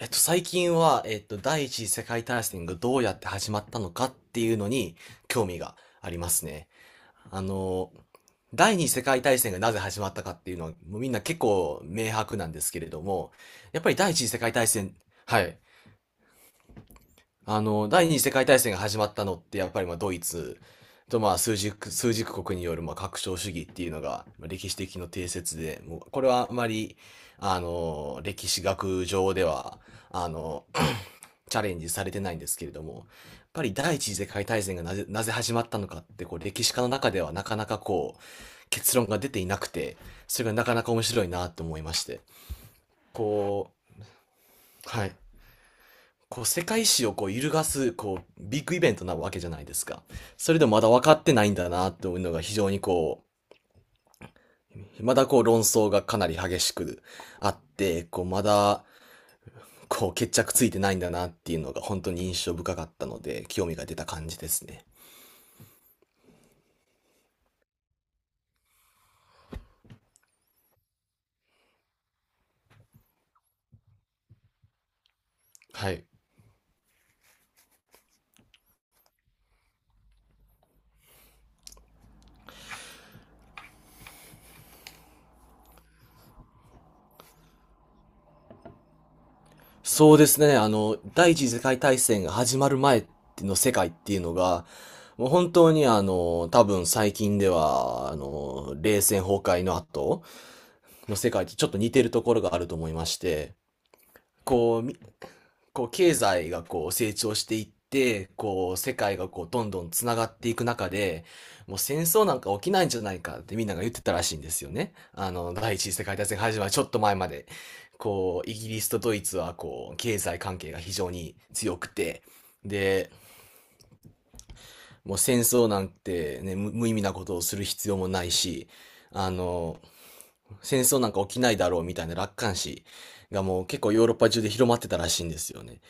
最近は、第一次世界大戦がどうやって始まったのかっていうのに興味がありますね。あの、第二次世界大戦がなぜ始まったかっていうのは、もうみんな結構明白なんですけれども、やっぱり第一次世界大戦。はい。第二次世界大戦が始まったのって、やっぱりまあドイツとまあ枢軸国によるまあ拡張主義っていうのがまあ歴史的の定説で、もうこれはあまり、歴史学上では、あの、チャレンジされてないんですけれども、やっぱり第一次世界大戦がなぜ始まったのかって、こう歴史家の中ではなかなかこう、結論が出ていなくて、それがなかなか面白いなと思いまして。こう、はい。こう世界史をこう揺るがす、こう、ビッグイベントなわけじゃないですか。それでもまだ分かってないんだなというのが非常にこう、まだこう論争がかなり激しくあって、こうまだ、こう決着ついてないんだなっていうのが本当に印象深かったので、興味が出た感じですね。はい。そうですね。第一次世界大戦が始まる前の世界っていうのが、もう本当にあの、多分最近では、冷戦崩壊の後の世界とちょっと似てるところがあると思いまして、こう、こう経済がこう成長していって、こう世界がこうどんどんつながっていく中で、もう戦争なんか起きないんじゃないかってみんなが言ってたらしいんですよね。第一次世界大戦が始まるちょっと前まで、こうイギリスとドイツはこう経済関係が非常に強くて、で、もう戦争なんてね、無意味なことをする必要もないし、あの、戦争なんか起きないだろうみたいな楽観視がもう結構ヨーロッパ中で広まってたらしいんですよね。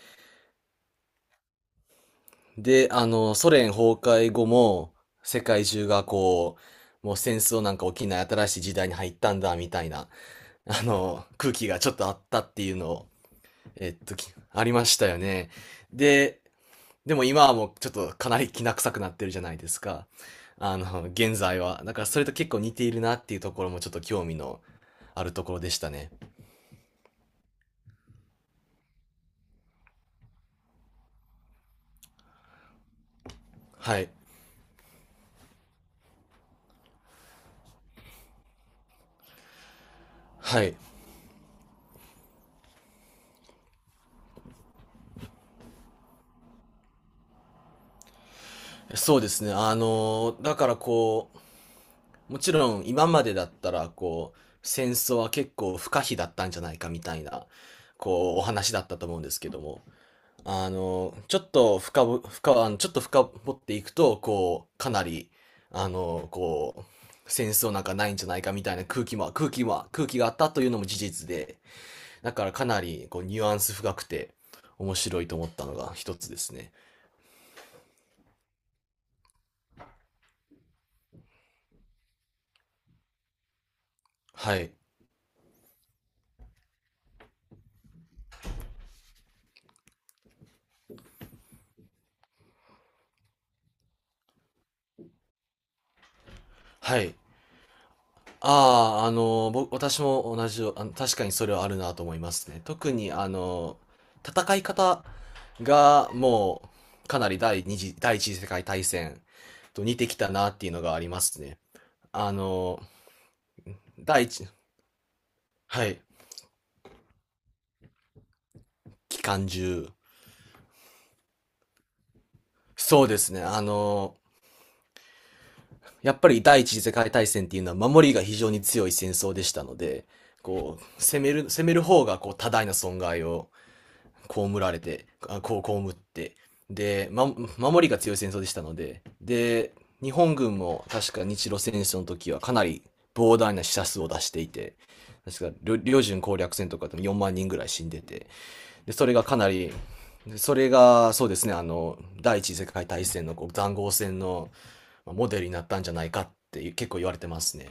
で、ソ連崩壊後も、世界中がこう、もう戦争なんか起きない新しい時代に入ったんだ、みたいな、空気がちょっとあったっていうのを、ありましたよね。で、でも今はもうちょっとかなりきな臭くなってるじゃないですか。あの、現在は。だからそれと結構似ているなっていうところもちょっと興味のあるところでしたね。はい。はい。そうですね。だからこう、もちろん今までだったらこう戦争は結構不可避だったんじゃないかみたいなこうお話だったと思うんですけども、ちょっと深掘っていくとこうかなり、こう戦争なんかないんじゃないかみたいな空気があったというのも事実で、だからかなりこうニュアンス深くて面白いと思ったのが一つですね。はいはい。ああ、あの、私も同じよ、確かにそれはあるなと思いますね。特に、戦い方がもう、かなり第一次世界大戦と似てきたなっていうのがありますね。あの、第一、はい、機関銃。そうですね。やっぱり第一次世界大戦っていうのは守りが非常に強い戦争でしたので、こう、攻める方がこう多大な損害を被られて、あこう、被って、で、ま、守りが強い戦争でしたので、で、日本軍も確か日露戦争の時はかなり膨大な死者数を出していて、確か領準攻略戦とかでも4万人ぐらい死んでて、で、それがかなり、でそれが、そうですね、第一次世界大戦のこう塹壕戦のまあモデルになったんじゃないかって結構言われてますね。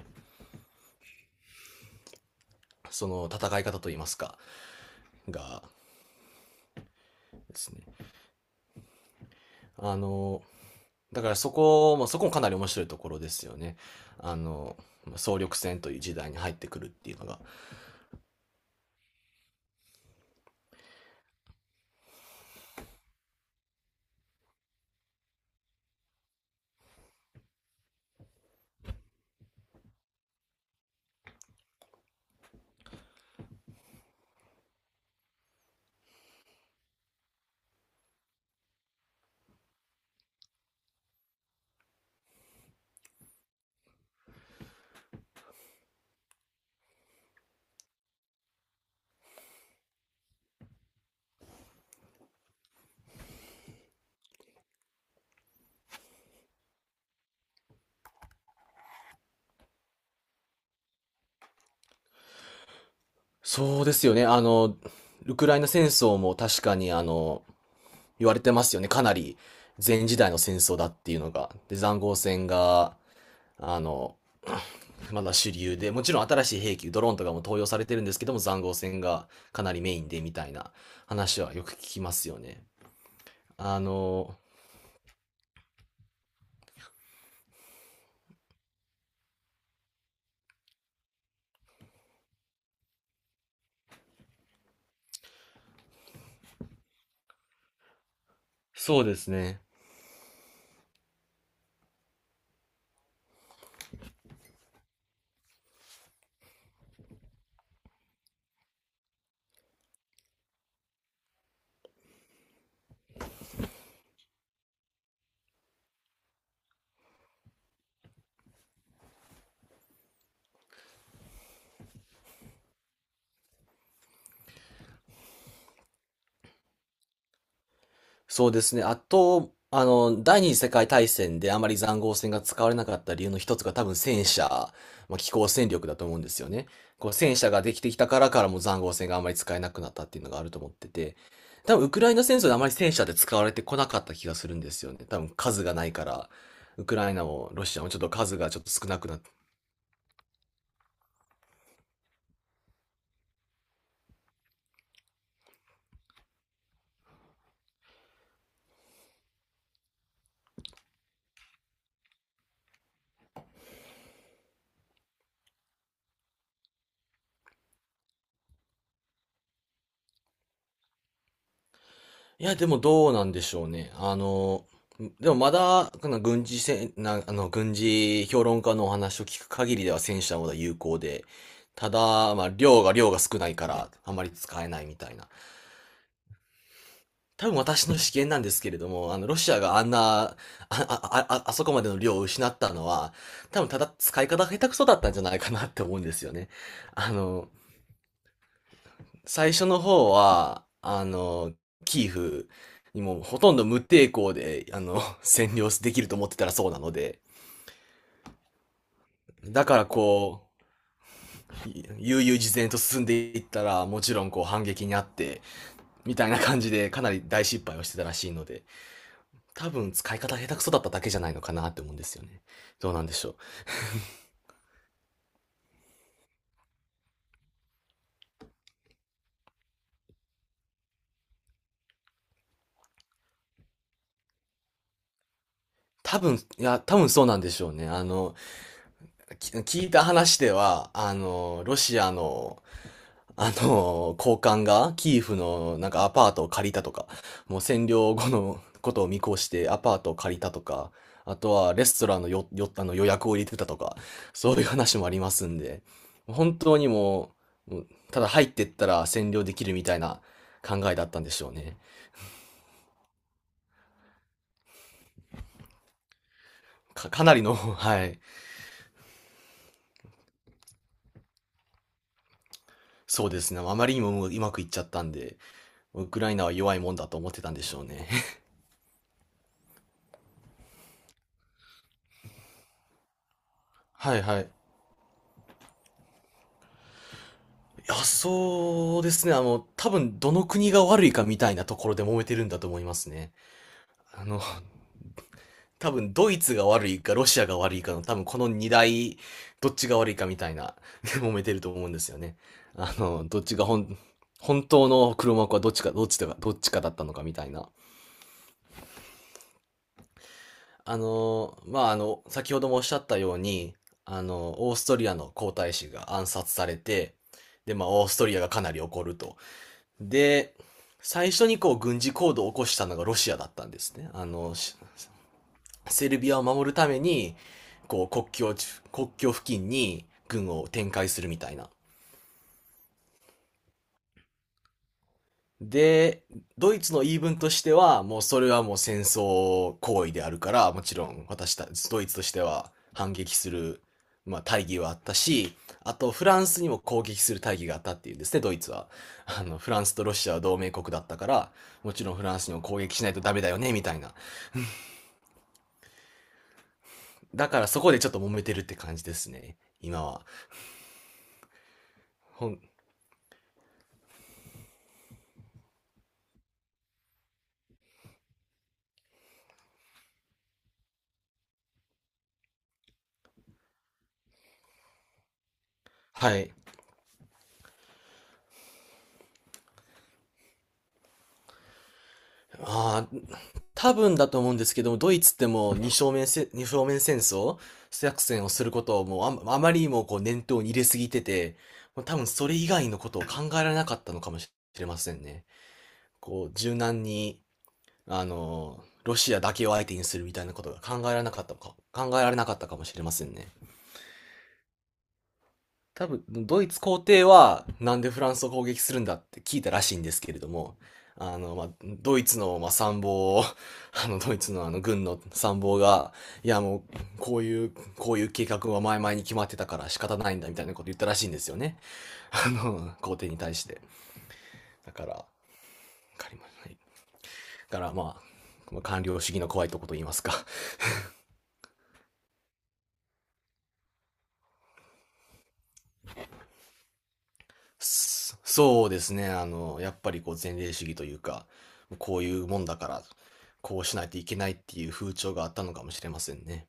その戦い方といいますか、がですね。あの、だからそこもかなり面白いところですよね。あの、総力戦という時代に入ってくるっていうのが。そうですよね。ウクライナ戦争も確かにあの、言われてますよね。かなり前時代の戦争だっていうのが。で、塹壕戦が、あの、まだ主流で、もちろん新しい兵器、ドローンとかも投与されてるんですけども、塹壕戦がかなりメインでみたいな話はよく聞きますよね。あの、そうですね。そうですね。あと、第二次世界大戦であまり塹壕戦が使われなかった理由の一つが多分戦車、まあ、機甲戦力だと思うんですよね。こう戦車ができてきたからも塹壕戦があまり使えなくなったっていうのがあると思ってて、多分ウクライナ戦争であまり戦車で使われてこなかった気がするんですよね。多分数がないから、ウクライナもロシアもちょっと数がちょっと少なくなっ、いや、でもどうなんでしょうね。でもまだ、この軍事戦、な、あの、軍事評論家のお話を聞く限りでは戦車の方が有効で、ただ、まあ、量が少ないから、あまり使えないみたいな。多分私の試見なんですけれども、ロシアがあんな、あ、あ、あ、あそこまでの量を失ったのは、多分ただ使い方が下手くそだったんじゃないかなって思うんですよね。あの、最初の方は、キーフにもほとんど無抵抗で、あの、占領できると思ってたらそうなので、だからこう、悠々自然と進んでいったら、もちろんこう反撃にあって、みたいな感じでかなり大失敗をしてたらしいので、多分使い方下手くそだっただけじゃないのかなって思うんですよね。どうなんでしょう。多分そうなんでしょうね。あの、き聞いた話では、あの、ロシアの高官がキーフのなんかアパートを借りたとか、もう占領後のことを見越してアパートを借りたとか、あとはレストランのよ、よ、あの予約を入れてたとか、そういう話もありますんで、本当にもう、もうただ入ってったら占領できるみたいな考えだったんでしょうね。かなりの、はい、そうですね。あまりにももううまくいっちゃったんで、ウクライナは弱いもんだと思ってたんでしょうね。はいはい。いや、そうですね。多分どの国が悪いかみたいなところで揉めてるんだと思いますね。あの、多分ドイツが悪いかロシアが悪いかの多分この二大、どっちが悪いかみたいな、揉めてると思うんですよね。あの、どっちが本、本当の黒幕はどっちかだったのかみたいな。先ほどもおっしゃったように、オーストリアの皇太子が暗殺されて、で、まあ、オーストリアがかなり怒ると。で、最初にこう軍事行動を起こしたのがロシアだったんですね。セルビアを守るために、こう国境付近に軍を展開するみたいな。で、ドイツの言い分としては、もうそれはもう戦争行為であるから、もちろん私た、ドイツとしては反撃する、まあ、大義はあったし、あとフランスにも攻撃する大義があったっていうんですね、ドイツは。フランスとロシアは同盟国だったから、もちろんフランスにも攻撃しないとダメだよね、みたいな。だからそこでちょっと揉めてるって感じですね、今は。ほん、はい。ああ、多分だと思うんですけども、ドイツってもう二正面戦争作戦をすることをもうあまりにもこう念頭に入れすぎてて、もう多分それ以外のことを考えられなかったのかもしれませんね。こう、柔軟に、ロシアだけを相手にするみたいなことが考えられなかったかもしれませんね。多分、ドイツ皇帝は、なんでフランスを攻撃するんだって聞いたらしいんですけれども、ドイツの、まあ、参謀を、あの、ドイツの軍の参謀が、いや、もう、こういう、こういう計画は前々に決まってたから仕方ないんだ、みたいなこと言ったらしいんですよね。皇帝に対して。だから、わかりました。だから、まあ官僚主義の怖いとこと言いますか。そそうですね。やっぱりこう前例主義というか、こういうもんだから、こうしないといけないっていう風潮があったのかもしれませんね。